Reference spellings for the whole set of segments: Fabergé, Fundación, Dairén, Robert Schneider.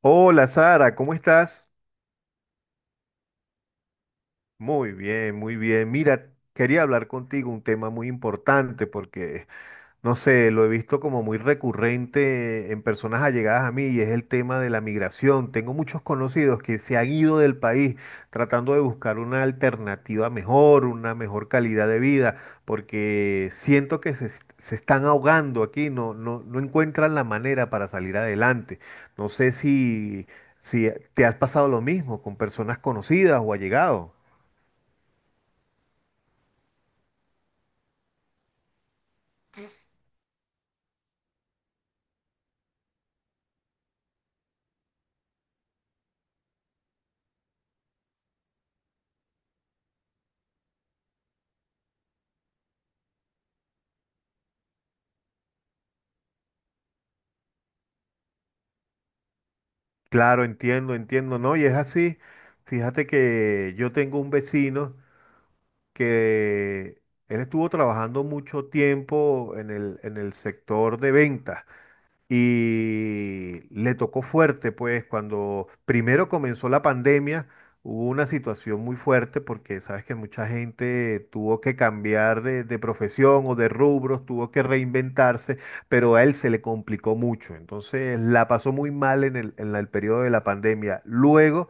Hola Sara, ¿cómo estás? Muy bien, muy bien. Mira, quería hablar contigo un tema muy importante porque no sé, lo he visto como muy recurrente en personas allegadas a mí y es el tema de la migración. Tengo muchos conocidos que se han ido del país tratando de buscar una alternativa mejor, una mejor calidad de vida, porque siento que se están ahogando aquí, no, no encuentran la manera para salir adelante. No sé si, si te has pasado lo mismo con personas conocidas o allegados. Claro, entiendo, entiendo, ¿no? Y es así. Fíjate que yo tengo un vecino que él estuvo trabajando mucho tiempo en el sector de ventas y le tocó fuerte, pues cuando primero comenzó la pandemia, hubo una situación muy fuerte porque sabes que mucha gente tuvo que cambiar de profesión o de rubros, tuvo que reinventarse, pero a él se le complicó mucho. Entonces la pasó muy mal en el periodo de la pandemia. Luego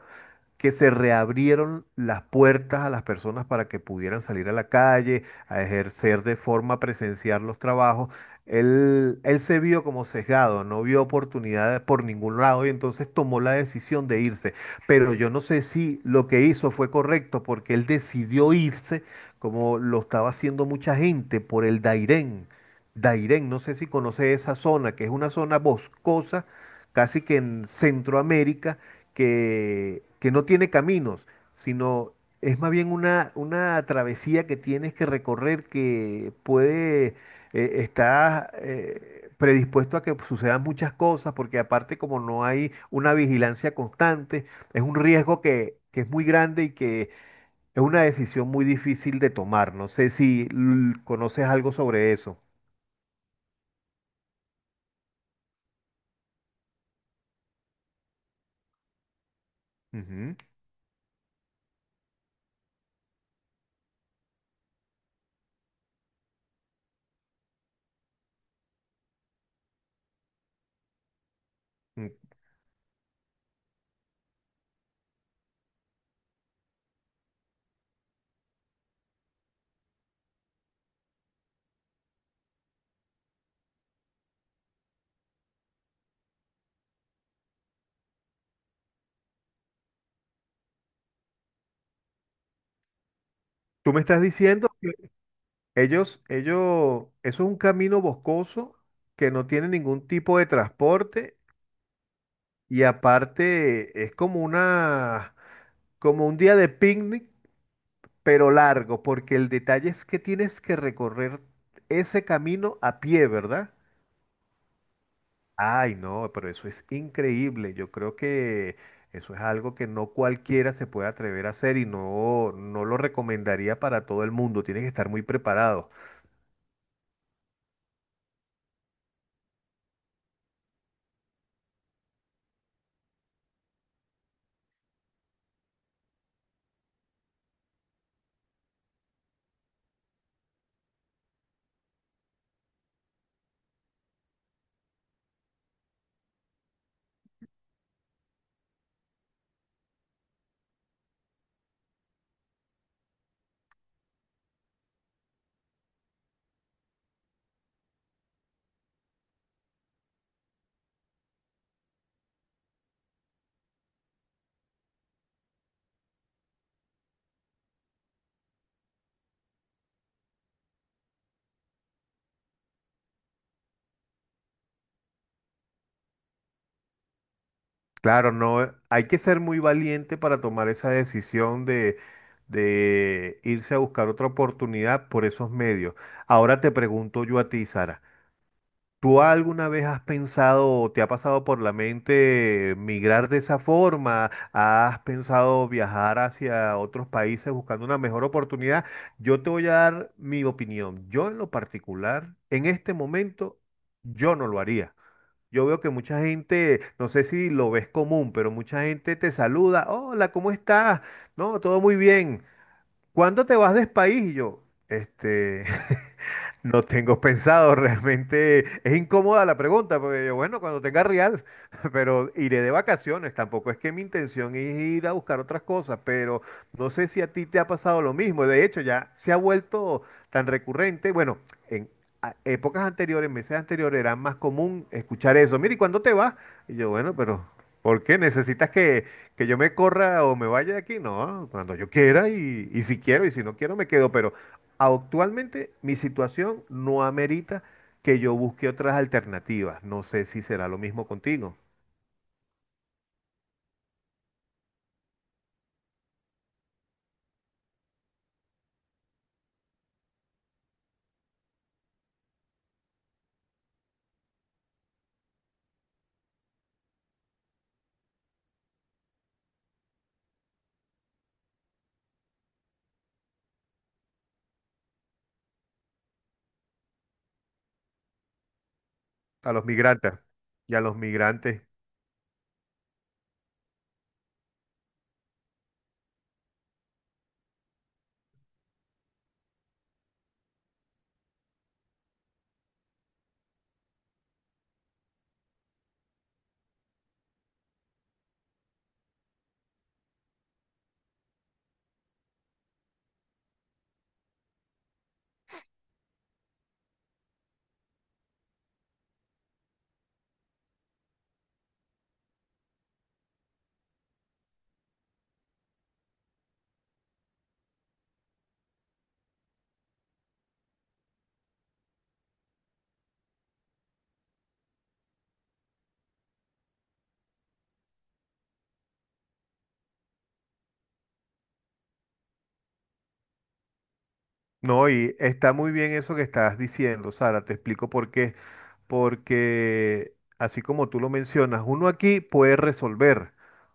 que se reabrieron las puertas a las personas para que pudieran salir a la calle, a ejercer de forma presenciar los trabajos. Él se vio como sesgado, no vio oportunidades por ningún lado y entonces tomó la decisión de irse. Pero yo no sé si lo que hizo fue correcto porque él decidió irse como lo estaba haciendo mucha gente por el Dairén. Dairén, no sé si conoce esa zona, que es una zona boscosa, casi que en Centroamérica que no tiene caminos, sino es más bien una travesía que tienes que recorrer que puede, está predispuesto a que sucedan muchas cosas, porque aparte como no hay una vigilancia constante, es un riesgo que es muy grande y que es una decisión muy difícil de tomar. No sé si l- conoces algo sobre eso. Ujú. Mm. Tú me estás diciendo ellos, eso es un camino boscoso que no tiene ningún tipo de transporte y aparte es como una, como un día de picnic, pero largo, porque el detalle es que tienes que recorrer ese camino a pie, ¿verdad? Ay, no, pero eso es increíble. Yo creo que eso es algo que no cualquiera se puede atrever a hacer y no, no lo recomendaría para todo el mundo. Tienes que estar muy preparado. Claro, no, hay que ser muy valiente para tomar esa decisión de irse a buscar otra oportunidad por esos medios. Ahora te pregunto yo a ti, Sara, ¿tú alguna vez has pensado o te ha pasado por la mente migrar de esa forma? ¿Has pensado viajar hacia otros países buscando una mejor oportunidad? Yo te voy a dar mi opinión. Yo en lo particular, en este momento, yo no lo haría. Yo veo que mucha gente, no sé si lo ves común, pero mucha gente te saluda. Hola, ¿cómo estás? No, todo muy bien. ¿Cuándo te vas del país? Y yo, este, no tengo pensado, realmente es incómoda la pregunta, porque yo, bueno, cuando tenga real, pero iré de vacaciones, tampoco es que mi intención es ir a buscar otras cosas, pero no sé si a ti te ha pasado lo mismo, de hecho ya se ha vuelto tan recurrente, bueno, en a- épocas anteriores, meses anteriores era más común escuchar eso, mire, ¿y cuándo te vas? Y yo, bueno, pero ¿por qué necesitas que yo me corra o me vaya de aquí? No, cuando yo quiera y si quiero y si no quiero me quedo, pero... actualmente mi situación no amerita que yo busque otras alternativas. No sé si será lo mismo contigo. A los migrantes y a los migrantes. No, y está muy bien eso que estás diciendo, Sara. Te explico por qué. Porque, así como tú lo mencionas, uno aquí puede resolver.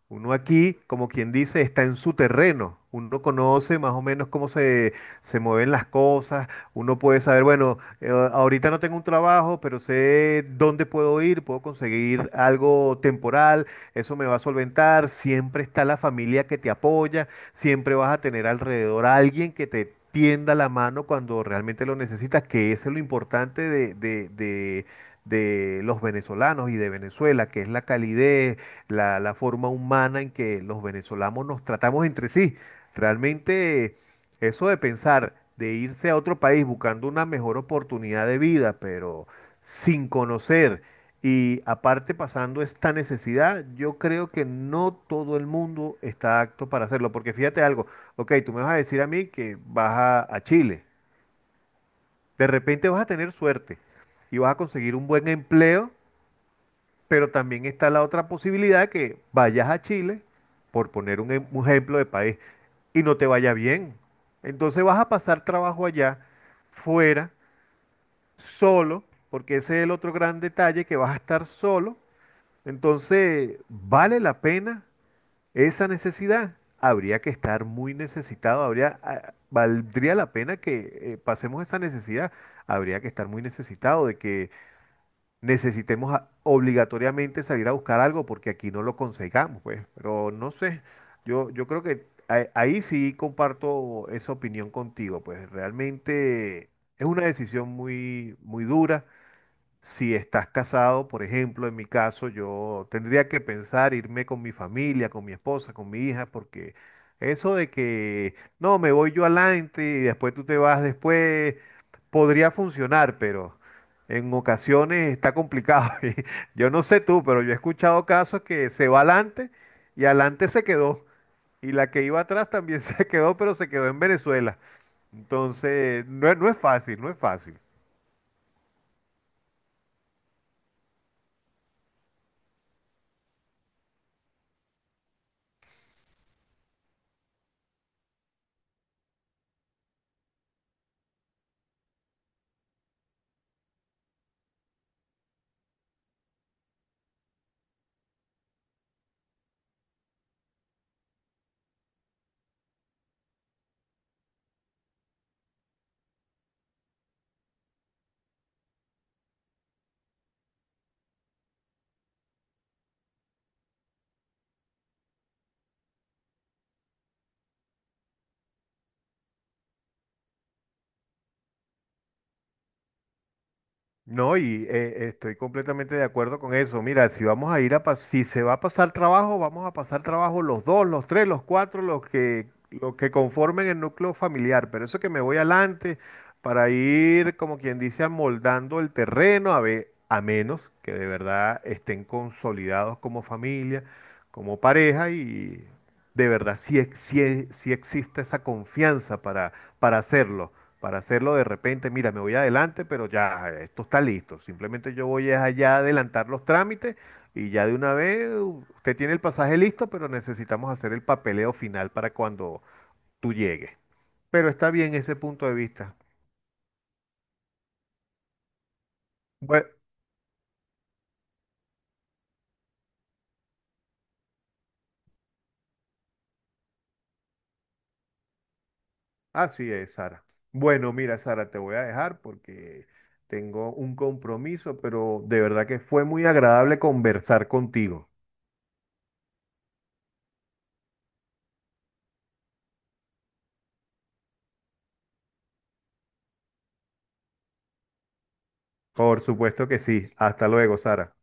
Uno aquí, como quien dice, está en su terreno. Uno conoce más o menos cómo se, se mueven las cosas. Uno puede saber, bueno, ahorita no tengo un trabajo, pero sé dónde puedo ir, puedo conseguir algo temporal, eso me va a solventar. Siempre está la familia que te apoya, siempre vas a tener alrededor a alguien que te tienda la mano cuando realmente lo necesitas, que eso es lo importante de los venezolanos y de Venezuela, que es la calidez, la forma humana en que los venezolanos nos tratamos entre sí. Realmente eso de pensar de irse a otro país buscando una mejor oportunidad de vida, pero sin conocer y aparte, pasando esta necesidad, yo creo que no todo el mundo está apto para hacerlo. Porque fíjate algo, ok, tú me vas a decir a mí que vas a Chile. De repente vas a tener suerte y vas a conseguir un buen empleo, pero también está la otra posibilidad que vayas a Chile, por poner un, un ejemplo de país, y no te vaya bien. Entonces vas a pasar trabajo allá, fuera, solo, porque ese es el otro gran detalle, que vas a estar solo. Entonces, ¿vale la pena esa necesidad? Habría que estar muy necesitado, habría, ah, valdría la pena que pasemos esa necesidad. Habría que estar muy necesitado de que necesitemos a- obligatoriamente salir a buscar algo porque aquí no lo consigamos, pues. Pero no sé, yo creo que a- ahí sí comparto esa opinión contigo, pues realmente es una decisión muy, muy dura si estás casado, por ejemplo, en mi caso, yo tendría que pensar irme con mi familia, con mi esposa, con mi hija, porque eso de que no, me voy yo adelante y después tú te vas después, podría funcionar, pero en ocasiones está complicado. Y yo no sé tú, pero yo he escuchado casos que se va adelante y adelante se quedó. Y la que iba atrás también se quedó, pero se quedó en Venezuela. Entonces, no, es- no es fácil, no es fácil. No, y estoy completamente de acuerdo con eso. Mira, si vamos a ir a pas- si se va a pasar trabajo, vamos a pasar trabajo los dos, los tres, los cuatro, los que conformen el núcleo familiar. Pero eso que me voy adelante para ir, como quien dice, amoldando el terreno, a ve- a menos que de verdad estén consolidados como familia, como pareja, y de verdad sí, ex- sí, sí existe esa confianza para, para hacerlo para hacerlo de repente, mira, me voy adelante, pero ya, esto está listo. Simplemente yo voy es allá a adelantar los trámites y ya de una vez u- usted tiene el pasaje listo, pero necesitamos hacer el papeleo final para cuando tú llegues. Pero está bien ese punto de vista. Bueno, así es, Sara. Bueno, mira, Sara, te voy a dejar porque tengo un compromiso, pero de verdad que fue muy agradable conversar contigo. Por supuesto que sí. Hasta luego, Sara.